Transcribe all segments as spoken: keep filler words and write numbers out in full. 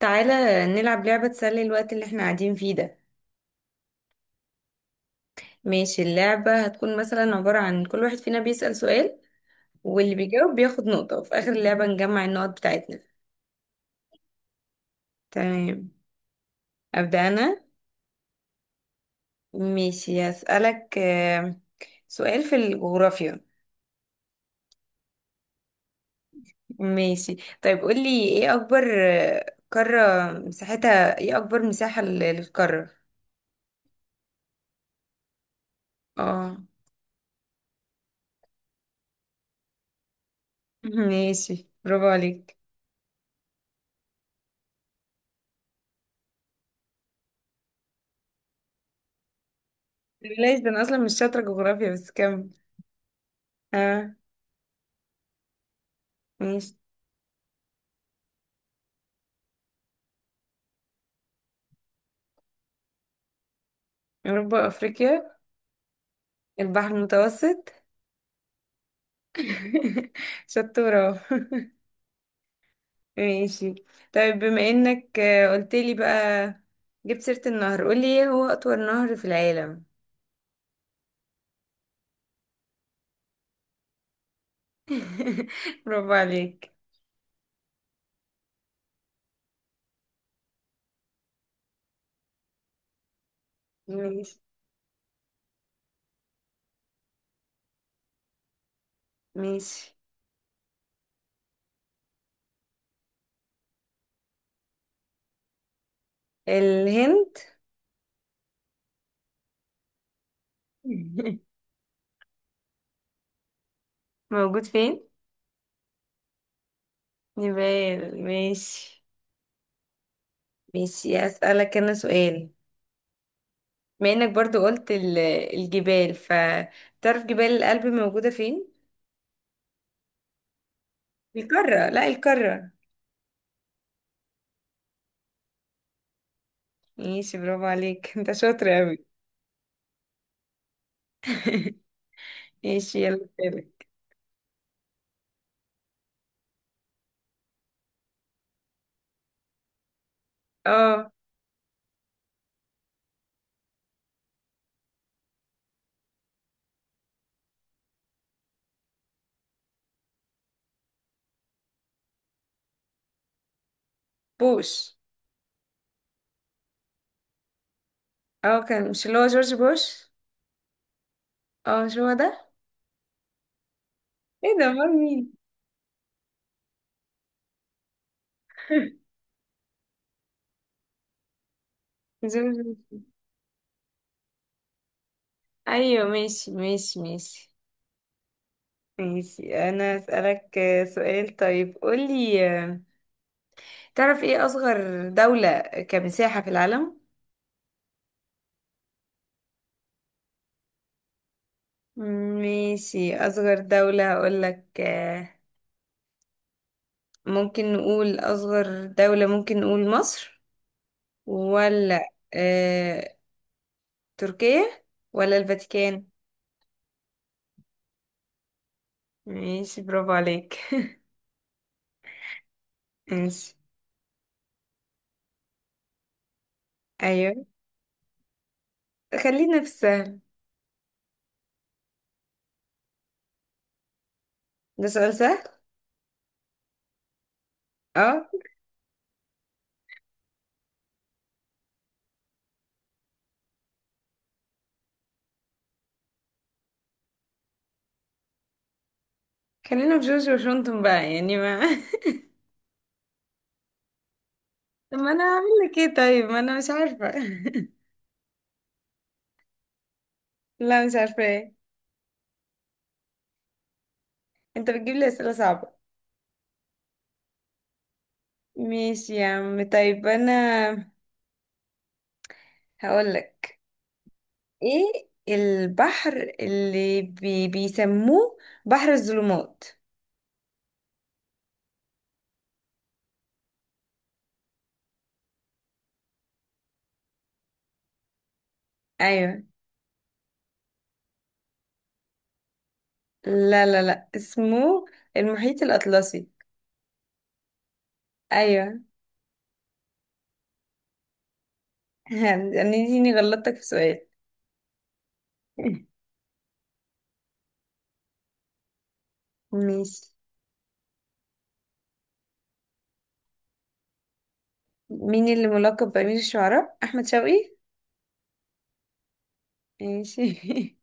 تعالى نلعب لعبة تسلي الوقت اللي احنا قاعدين فيه ده. ماشي، اللعبة هتكون مثلا عبارة عن كل واحد فينا بيسأل سؤال، واللي بيجاوب بياخد نقطة وفي آخر اللعبة نجمع النقط بتاعتنا. تمام، أبدأ أنا. ماشي هسألك آه، سؤال في الجغرافيا. ماشي، طيب قولي ايه أكبر آه، قارة مساحتها، ايه أكبر مساحة لل- للقارة؟ اه. ماشي، برافو عليك. بلاش ده، أنا أصلا مش شاطرة جغرافيا بس كمل. اه. ماشي. أوروبا وأفريقيا. البحر المتوسط. شطورة. ماشي، طيب بما إنك آه، قلتلي بقى، جبت سيرة النهر، قولي إيه هو أطول نهر في العالم؟ برافو عليك. ماشي. ماشي، الهند. موجود فين؟ نيبال، ماشي. ماشي أسألك أنا سؤال، بما إنك برضو قلت ال- الجبال، فتعرف جبال الألب موجودة فين؟ القارة، لا القارة. ماشي، برافو عليك، انت شاطر اوي. ماشي، يلا سألك. اه، بوش. اه كان، مش اللي هو جورج بوش؟ اه مش هو ده. ايه ده، امال مين؟ جورج بوش. ايوه ماشي ماشي ماشي. ماشي انا اسالك آه، سؤال، طيب قولي آه، تعرف ايه اصغر دولة كمساحة في العالم؟ ماشي، اصغر دولة هقولك آه، ممكن نقول اصغر دولة، ممكن نقول مصر، ولا تركيا، ولا الفاتيكان؟ ماشي، برافو عليك. ماشي. ايوه. خلينا في السهل. ده سؤال سهل. اه. خلينا في جورج واشنطن بقى، يعني ما. طب ما انا هعمل لك ايه طيب، ما انا مش عارفه. لا مش عارفه ايه. انت بتجيب لي اسئله صعبه. ماشي يا عم، طيب انا هقول لك. ايه البحر اللي بي... بيسموه بحر الظلمات؟ ايوه. لا لا لا، اسمه المحيط الاطلسي. ايوه. هتنيني غلطتك في سؤال. ماشي. مين اللي ملقب بأمير الشعراء؟ أحمد شوقي. ماشي.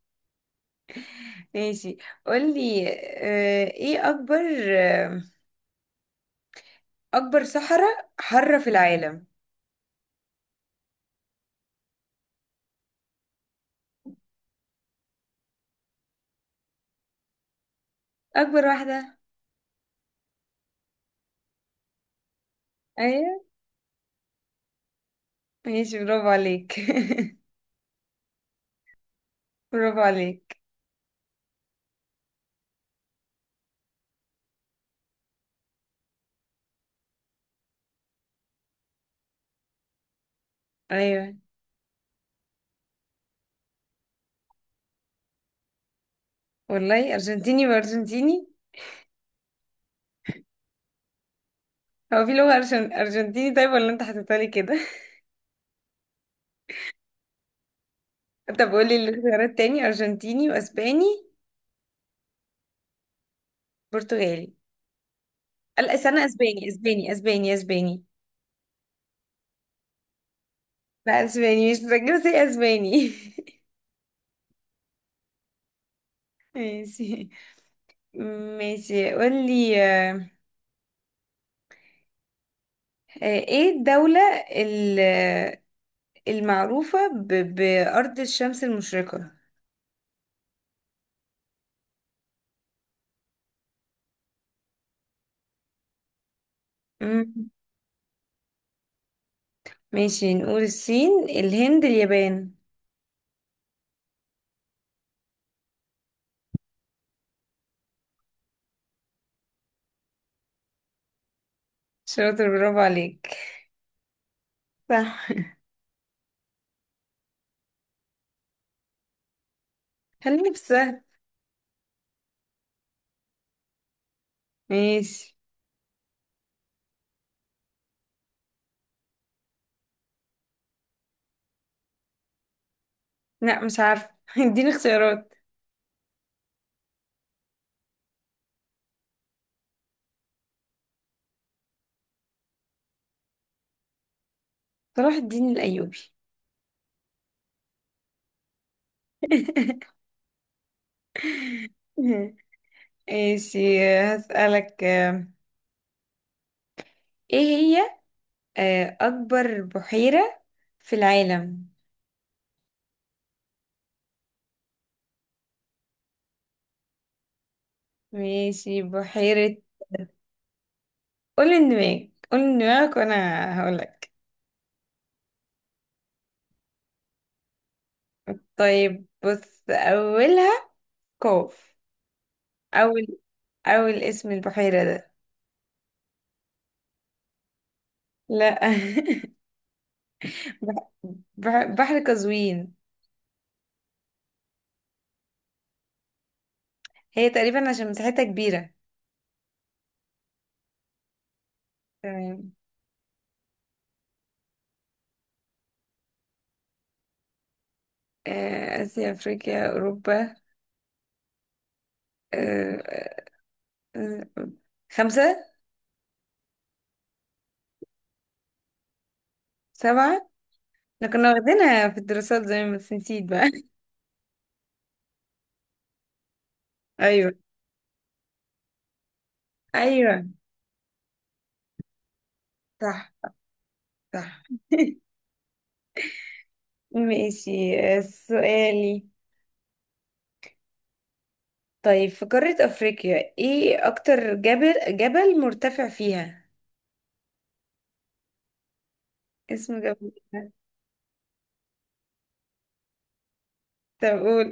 ماشي، قولي آه، ايه أكبر، آه، أكبر صحراء حارة في العالم؟ أكبر واحدة. أيوة، ماشي برافو عليك. برافو عليك. أيوة. والله، أرجنتيني وأرجنتيني. هو في لغة أرجن... أرجنتيني؟ طيب ولا أنت حطيتها لي كده. طب قولي الاختيارات تاني. أرجنتيني وأسباني. برتغالي، لا استنى، اسباني اسباني اسباني اسباني. لا اسباني مش متذكرة، زي اسباني. ماشي. ماشي قولي آه، آه، ايه الدولة ال- آه، المعروفة ب- بأرض الشمس المشرقة؟ مم. ماشي، نقول الصين، الهند، اليابان. شاطر، برافو عليك. صح. خليني في السهل. ماشي. لا مش عارفة، اديني اختيارات. صلاح الدين الأيوبي. ماشي. هسألك آه، ايه هي آه، اكبر بحيرة في العالم؟ ماشي بحيرة. قول دماغك قول دماغك وانا هقولك. طيب بص، اولها قاف. اول اول اسم البحيرة ده. لا. بح- بح- بحر قزوين. هي تقريبا عشان مساحتها كبيرة. تمام. آه، اسيا، افريقيا، اوروبا، آه، آه، خمسة. سبعة. احنا كنا واخدينها في الدراسات زي ما، بس نسيت بقى. ايوه. ايوه. صح. صح. ماشي. آه، سؤالي، طيب في قارة أفريقيا ايه أكتر جبل جبل مرتفع فيها؟ اسمه جبل إيه؟ طب قول.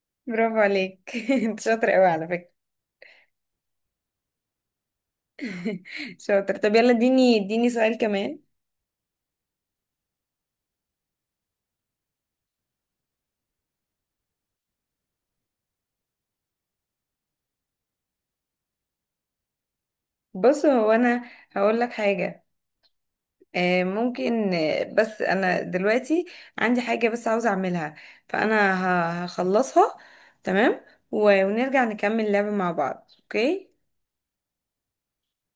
برافو عليك. انت شاطر قوي على فكرة. شاطر، طب يلا اديني اديني سؤال كمان. بص هو انا هقول لك حاجة، آه، ممكن، آه، بس انا دلوقتي عندي حاجة بس عاوزة اعملها، فانا ه- هخلصها، تمام، و- ونرجع نكمل اللعبة مع بعض، اوكي؟